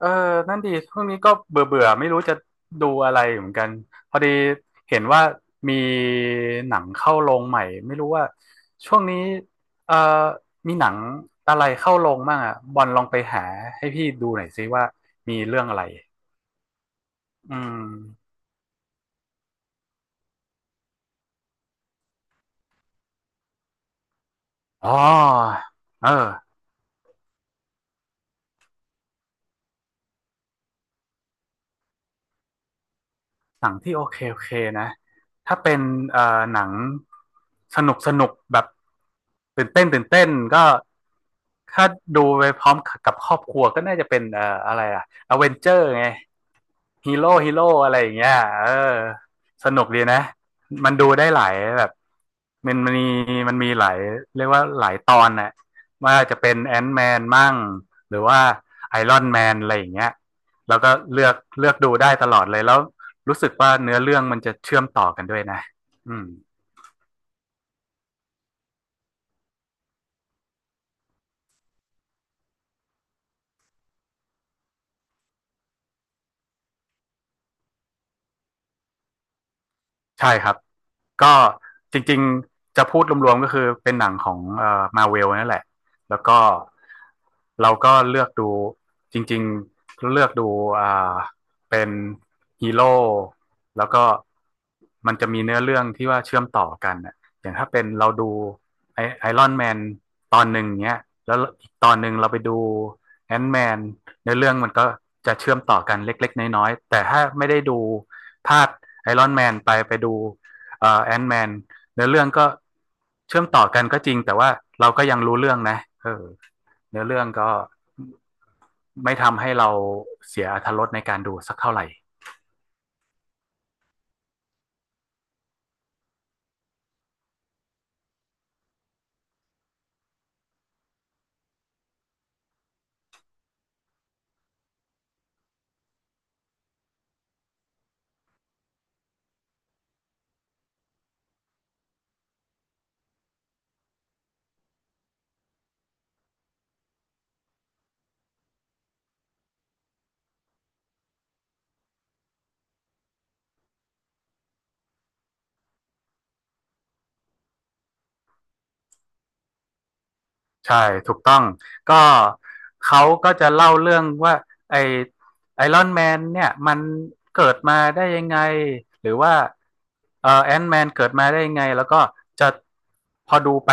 เออนั่นดีช่วงนี้ก็เบื่อเบื่อไม่รู้จะดูอะไรเหมือนกันพอดีเห็นว่ามีหนังเข้าโรงใหม่ไม่รู้ว่าช่วงนี้เออมีหนังอะไรเข้าโรงบ้างอ่ะบอลลองไปหาให้พี่ดูหน่อยซิว่ามีเรื่องอะไรอืมอ๋อเออ หนังที่โอเคโอเคนะ ถ้าเป็นเอ่อหนังสนุกสนุกแบบตื่นเต้นตื่นเต้นก็ ถ้าดูไปพร้อมกับครอบครัวก็น่าจะเป็นอะไรอะอเวนเจอร์ไง ฮีโร่ฮีโร่อะไรอย่างเงี้ยเออสนุกดีนะ มันดูได้หลายแบบมันมีมันมีหลายเรียกว่าหลายตอนน่ะว่าจะเป็นแอนท์แมนมั่งหรือว่าไอรอนแมนอะไรอย่างเงี้ยแล้วก็เลือกดูได้ตลอดเลย แล้วรู้สึกว่าเนื้อเรื่องมันจะเชื่อมต่อกันด้วยนะอืม ใช่ครับก็จริงๆจะพูดรวมๆก็คือเป็นหนังของมาเวลนั่นแหละแล้วก็เราก็เลือกดูจริงๆเลือกดูอ่าเป็นฮีโร่แล้วก็มันจะมีเนื้อเรื่องที่ว่าเชื่อมต่อกันน่ะอย่างถ้าเป็นเราดูไอรอนแมนตอนหนึ่งเนี้ยแล้วอีกตอนหนึ่งเราไปดูแอนท์แมนเนื้อเรื่องมันก็จะเชื่อมต่อกันเล็กๆน้อยๆแต่ถ้าไม่ได้ดูภาค ไอรอนแมนไปดูแอนด์นแมนเนื้อเรื่องก็เชื่อมต่อกันก็จริงแต่ว่าเราก็ยังรู้เรื่องนะเออเนื้อเรื่องก็ไม่ทำให้เราเสียอรรถรสในการดูสักเท่าไหร่ ใช่ถูกต้องก็เขาก็จะเล่าเรื่องว่าไอไอรอนแมนเนี่ยมันเกิดมาได้ยังไงหรือว่าแอนท์แมนเกิดมาได้ยังไงแล้วก็จะพอดูไป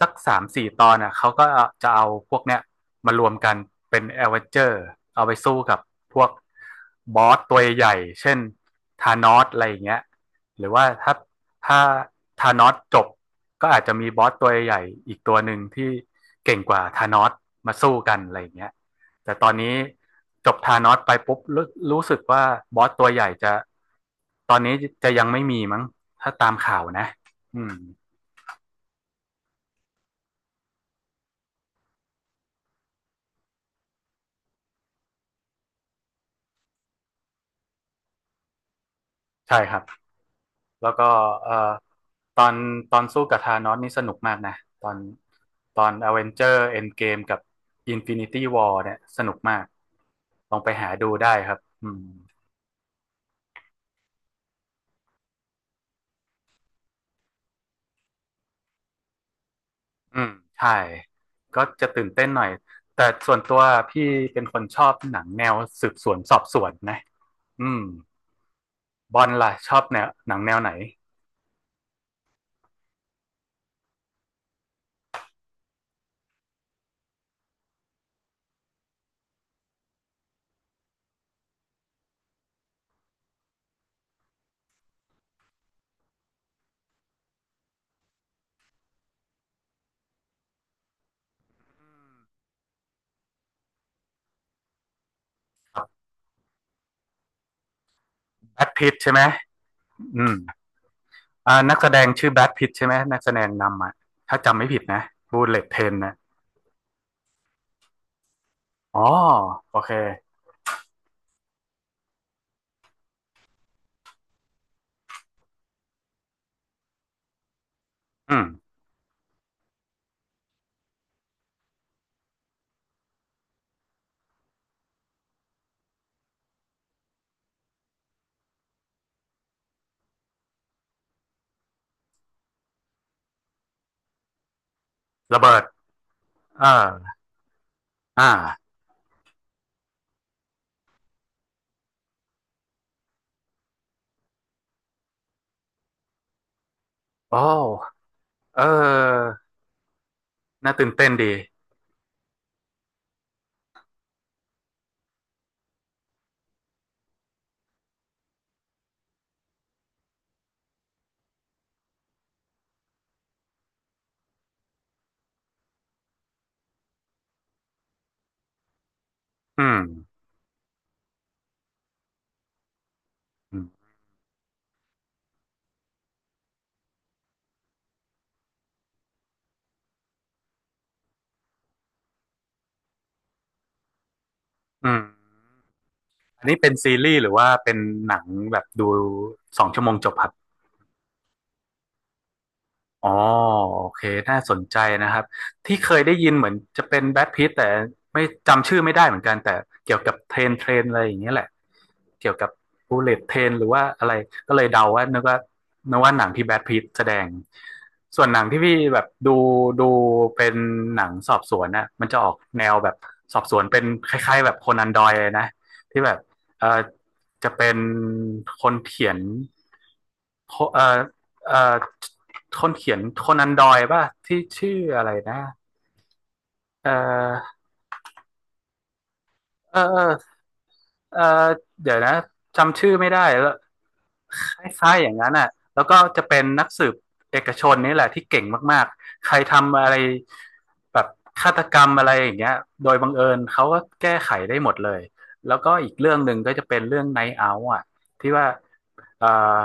สัก3-4ตอนอ่ะเขาก็จะเอาพวกเนี้ยมารวมกันเป็นแอเวนเจอร์เอาไปสู้กับพวกบอสตัวใหญ่เช่นธานอสอะไรอย่างเงี้ยหรือว่าถ้า ถ้าธานอสจบก็อาจจะมีบอสตัวใหญ่อีกตัวหนึ่งที่เก่งกว่าธานอสมาสู้กันอะไรอย่างเงี้ยแต่ตอนนี้จบธานอสไปปุ๊บรรู้สึกว่าบอสตัวใหญ่จะตอนนี้จะยังไม่มีมั้งถ้าตามข่าวนะอืมใช่ครับแล้วก็เอ่อตอนตอนสู้กับธานอสนี่สนุกมากนะตอนตอนอเวนเจอร์เอนเกมกับ Infinity War เนี่ยสนุกมากลองไปหาดูได้ครับอืม อืมใช่ก็จะตื่นเต้นหน่อยแต่ส่วนตัวพี่เป็นคนชอบหนังแนวสืบสวนสอบสวนนะอืมบอลล่ะชอบแนวหนังแนวไหนแบทพิทใช่ไหมอืมนักแสดงชื่อแบทพิทใช่ไหมนักแสดงนำอ่ะถ้าจำไม่ผิดนะบูเลตเทรนนะอ๋อโอเคอืมระเบิดเอออ่าโอ้เออน่าตื่นเต้นดีอืมอืมอืมอันนี้เป็นซีรีส์หรือว่าเป็นหนังแบบดู2 ชั่วโมงจบครับ อ๋อโอเคน่าสนใจนะครับที่เคยได้ยินเหมือนจะเป็นแบทพิทแต่ไม่จำชื่อไม่ได้เหมือนกันแต่เกี่ยวกับเทรนอะไรอย่างเงี้ยแหละเกี่ยวกับบูเลตเทรนหรือว่าอะไรก็เลยเดาว่านึกว่าหนังที่แบทพิทแสดงส่วนหนังที่พี่แบบดูดูเป็นหนังสอบสวนน่ะมันจะออกแนวแบบสอบสวนเป็นคล้ายๆแบบโคนันดอยเลยนะที่แบบเออจะเป็นคนเขียน คเอ่อเอ่อคนเขียนโคนันดอยป่ะที่ชื่ออะไรนะเอ่เออเออ เออเดี๋ยวนะจำชื่อไม่ได้แล้วคล้ายๆอย่างนั้นอ่ะแล้วก็จะเป็นนักสืบเอกชนนี่แหละที่เก่งมากๆใครทำอะไรแบบฆาตกรรมอะไรอย่างเงี้ยโดยบังเอิญเขาก็แก้ไขได้หมดเลยแล้วก็อีกเรื่องหนึ่งก็จะเป็นเรื่องไนท์เอาท์อ่ะที่ว่าเอ่อ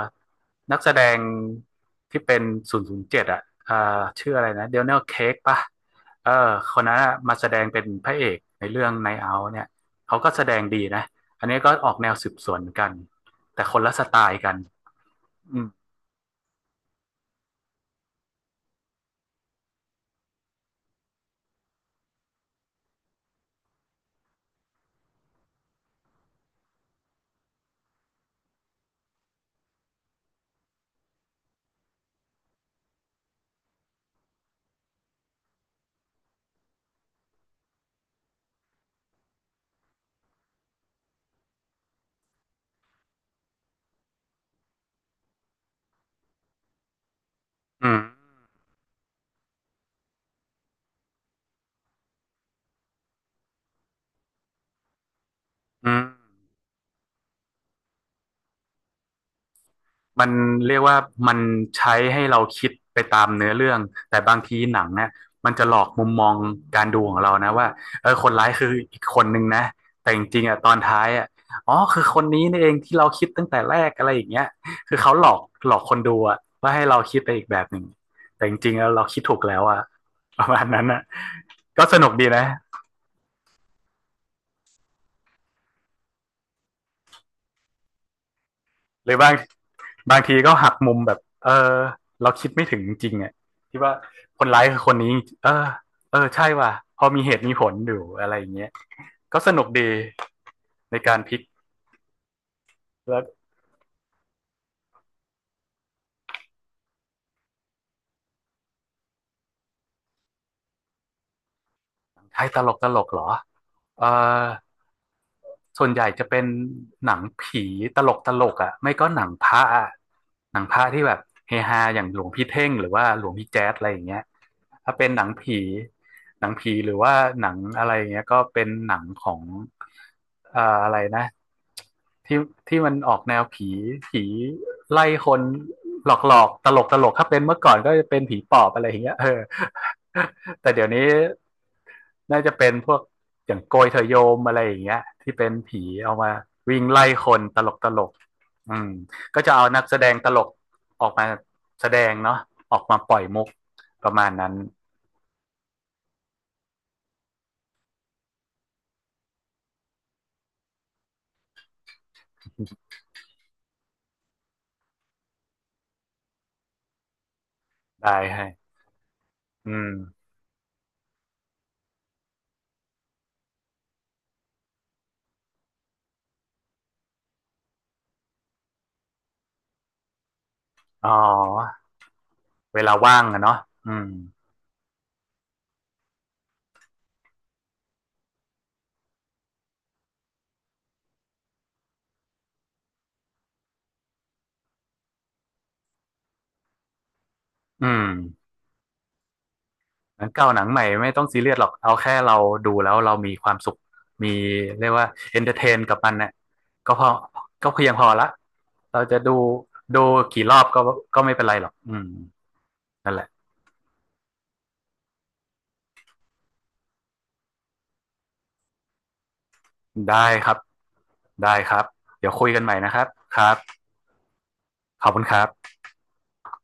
นักแสดงที่เป็นศูนย์เจ็ดอ่ะชื่ออะไรนะเดน e l ลเค้กป่ะเออคนนั้นอะมาแสดงเป็นพระเอกในเรื่องไนท์เอาท์เนี่ยเขาก็แสดงดีนะ อันนี้ก็ออกแนวสืบสวนกันแต่คนละสไตล์กันอืมอืมอืมมันเรียกว่ามันใช้ให้เราคิดไปตามเนื้อเรื่องแต่บางทีหนังเนี่ยมันจะหลอกมุมมองการดูของเรานะว่าเออคนร้ายคืออีกคนนึงนะแต่จริงๆอ่ะตอนท้ายอ่ะอ๋อคือคนนี้นี่เองที่เราคิดตั้งแต่แรกอะไรอย่างเงี้ยคือเขาหลอกคนดูอ่ะว่าให้เราคิดไปอีกแบบหนึ่งแต่จริงๆแล้วเราคิดถูกแล้วอ่ะประมาณนั้นอ่ะก็สนุกดีนะหรือบางทีก็หักมุมแบบ เออ เราคิดไม่ถึงจริงๆอ่ะที่ว่าคนร้ายคือคนนี้ เออ เออ ใช่ว่ะพอมีเหตุมีผลอยู่อะไรอย่างเงี้ย ก็สนุกดีในการพลิก แล้วใช้ตลกตลกเหรอเออ ส่วนใหญ่จะเป็นหนังผีตลกตลกอ่ะไม่ก็หนังพระอะหนังพระที่แบบเฮฮาอย่างหลวงพี่เท่งหรือว่าหลวงพี่แจ๊สอะไรอย่างเงี้ยถ้าเป็นหนังผีหรือว่าหนังอะไรอย่างเงี้ยก็เป็นหนังของอะไรนะที่ที่มันออกแนวผีผีไล่คนหลอกตลกตลกๆถ้าเป็นเมื่อก่อนก็จะเป็นผีปอบอะไรอย่างเงี้ยเออแต่เดี๋ยวนี้ น่าจะเป็นพวกอย่างโกยเถอโยมอะไรอย่างเงี้ยที่เป็นผีเอามาวิ่งไล่คนตลกตลกอืมก็จะเอานักแสดงตลกออกมาแสดงเนาะออกมาปล่อยมุกประมาณนั้นได้ให้อืมอ๋อเวลาว่างอะเนาะอืมอืม หนังเก่าหนังใหม่ไม่ต้องซีเรียสหรอกเอาแค่เราดูแล้วเรามีความสุขมีเรียกว่าเอนเตอร์เทนกับมันเนี่ยก็พอก็เพียงพอละเราจะดูดูกี่รอบก็ไม่เป็นไรหรอกอืมนั่นแหละได้ครับได้ครับเดี๋ยวคุยกันใหม่นะครับครับขอบคุณครับ